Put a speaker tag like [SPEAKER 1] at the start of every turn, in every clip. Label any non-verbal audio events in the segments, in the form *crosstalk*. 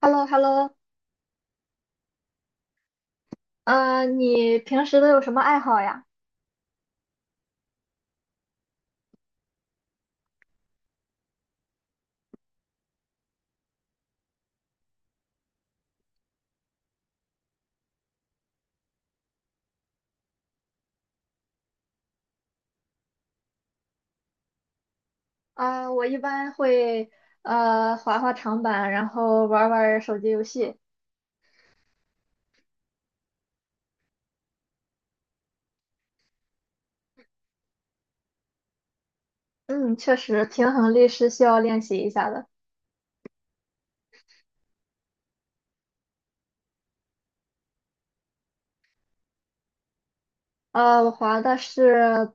[SPEAKER 1] h e l l o h e l l o 你平时都有什么爱好呀？啊、我一般会滑滑长板，然后玩儿玩儿手机游戏。嗯，确实，平衡力是需要练习一下的。我滑的是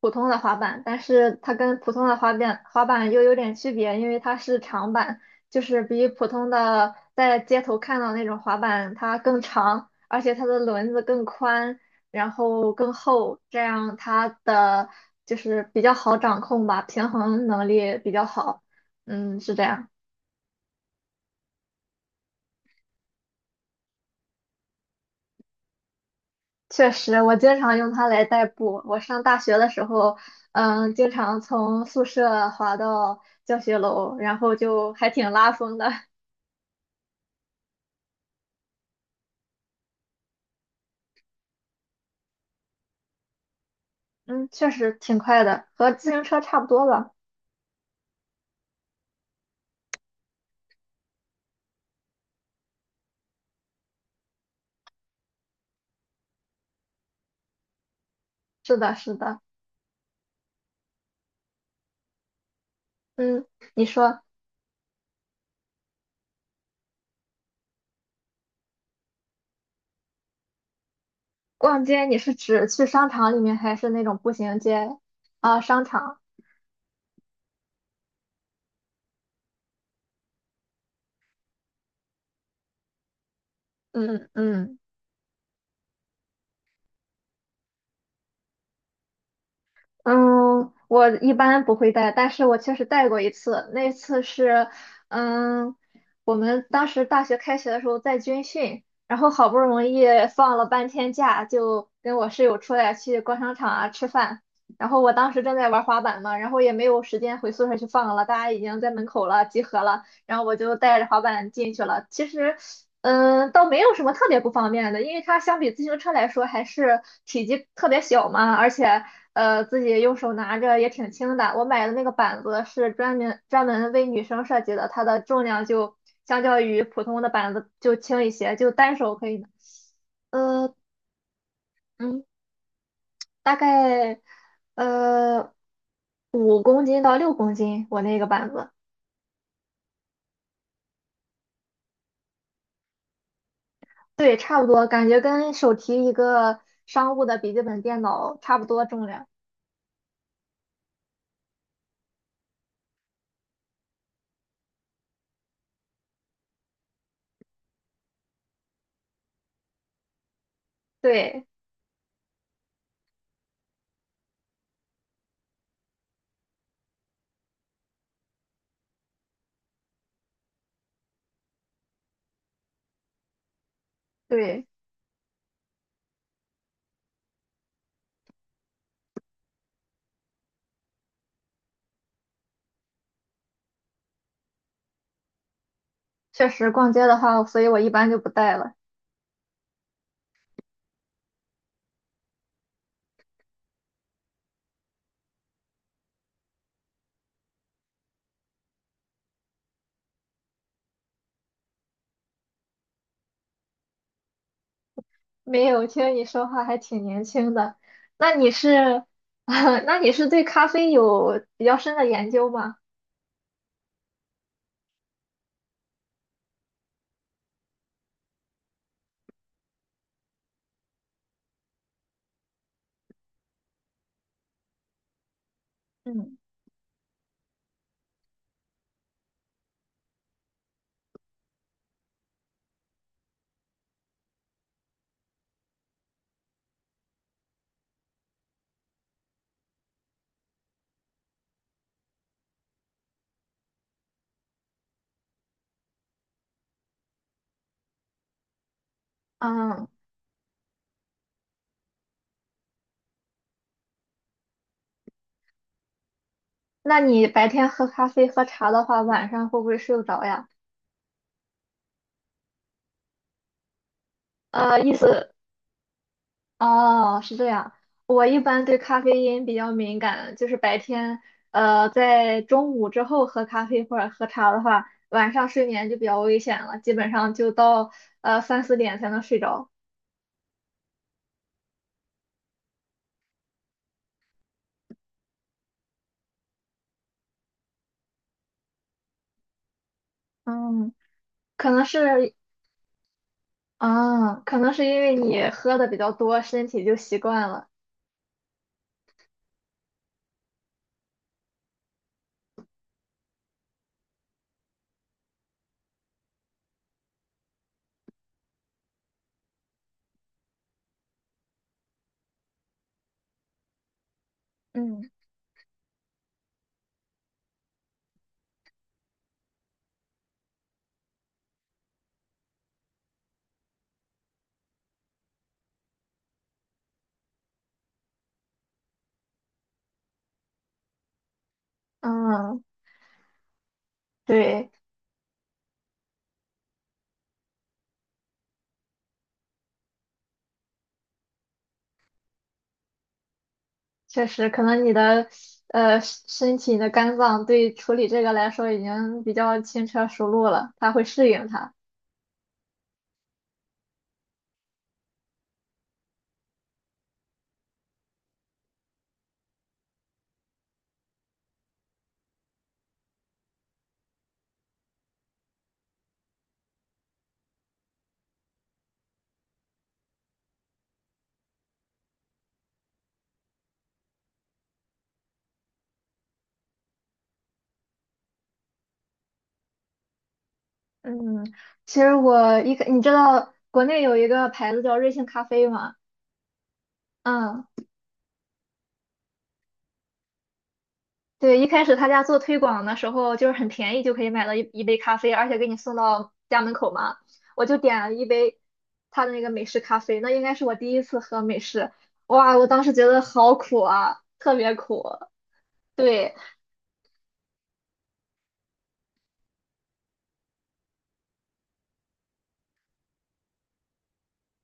[SPEAKER 1] 普通的滑板，但是它跟普通的滑板又有点区别，因为它是长板，就是比普通的在街头看到那种滑板它更长，而且它的轮子更宽，然后更厚，这样它的就是比较好掌控吧，平衡能力比较好。嗯，是这样。确实，我经常用它来代步。我上大学的时候，经常从宿舍滑到教学楼，然后就还挺拉风的。嗯，确实挺快的，和自行车差不多吧。是的，是的。嗯，你说逛街，你是指去商场里面，还是那种步行街啊？商场。嗯嗯。嗯，我一般不会带，但是我确实带过一次。那次是，嗯，我们当时大学开学的时候在军训，然后好不容易放了半天假，就跟我室友出来去逛商场啊吃饭。然后我当时正在玩滑板嘛，然后也没有时间回宿舍去放了，大家已经在门口了，集合了。然后我就带着滑板进去了。其实，倒没有什么特别不方便的，因为它相比自行车来说还是体积特别小嘛，而且自己用手拿着也挺轻的。我买的那个板子是专门专门为女生设计的，它的重量就相较于普通的板子就轻一些，就单手可以拿呃嗯，大概呃5公斤到6公斤，我那个板子。对，差不多，感觉跟手提一个商务的笔记本电脑差不多重量。对对，确实逛街的话，所以我一般就不带了。没有，听你说话还挺年轻的。那你是，*laughs* 那你是对咖啡有比较深的研究吗？嗯。嗯，那你白天喝咖啡喝茶的话，晚上会不会睡不着呀？意思。哦，是这样。我一般对咖啡因比较敏感，就是白天，在中午之后喝咖啡或者喝茶的话，晚上睡眠就比较危险了，基本上就到三四点才能睡着。嗯，可能是，嗯，可能是因为你喝的比较多，身体就习惯了。嗯，嗯，对，确实，可能你的身体、你的肝脏对处理这个来说已经比较轻车熟路了，它会适应它。嗯，其实我一开，你知道国内有一个牌子叫瑞幸咖啡吗？嗯，对，一开始他家做推广的时候，就是很便宜就可以买到一杯咖啡，而且给你送到家门口嘛。我就点了一杯他的那个美式咖啡，那应该是我第一次喝美式，哇，我当时觉得好苦啊，特别苦。对，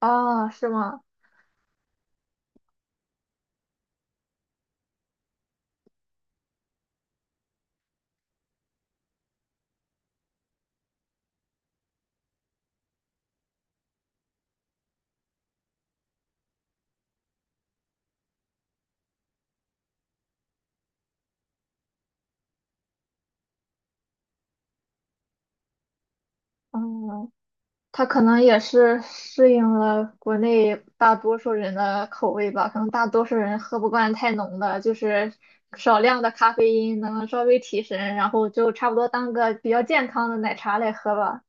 [SPEAKER 1] 啊，是吗？嗯，它可能也是适应了国内大多数人的口味吧，可能大多数人喝不惯太浓的，就是少量的咖啡因能稍微提神，然后就差不多当个比较健康的奶茶来喝吧。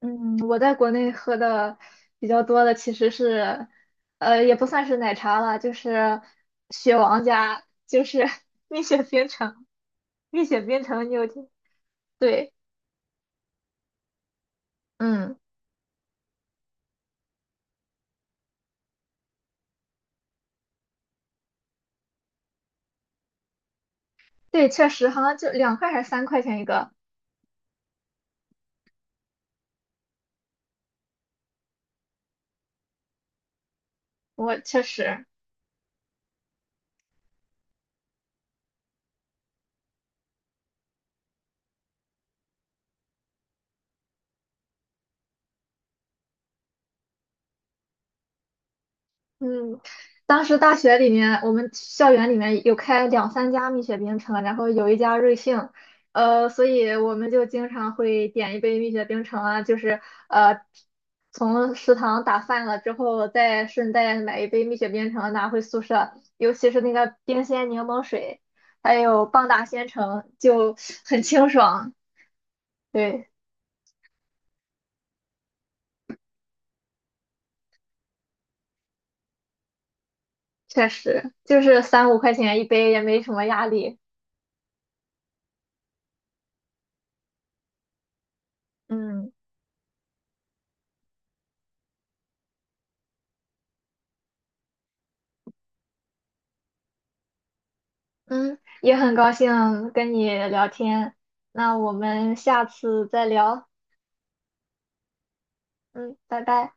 [SPEAKER 1] 嗯，我在国内喝的比较多的其实是，也不算是奶茶了，就是雪王家，就是 *laughs* 蜜雪冰城，蜜雪冰城你有听？对，嗯，对，确实好像就2块还是3块钱一个。我确实，嗯，当时大学里面，我们校园里面有开两三家蜜雪冰城，然后有一家瑞幸，所以我们就经常会点一杯蜜雪冰城啊，就是呃，从食堂打饭了之后，再顺带买一杯蜜雪冰城拿回宿舍，尤其是那个冰鲜柠檬水，还有棒打鲜橙，就 *laughs* 很清爽。对，确实，就是三五块钱一杯，也没什么压力。嗯。嗯，也很高兴跟你聊天，那我们下次再聊。嗯，拜拜。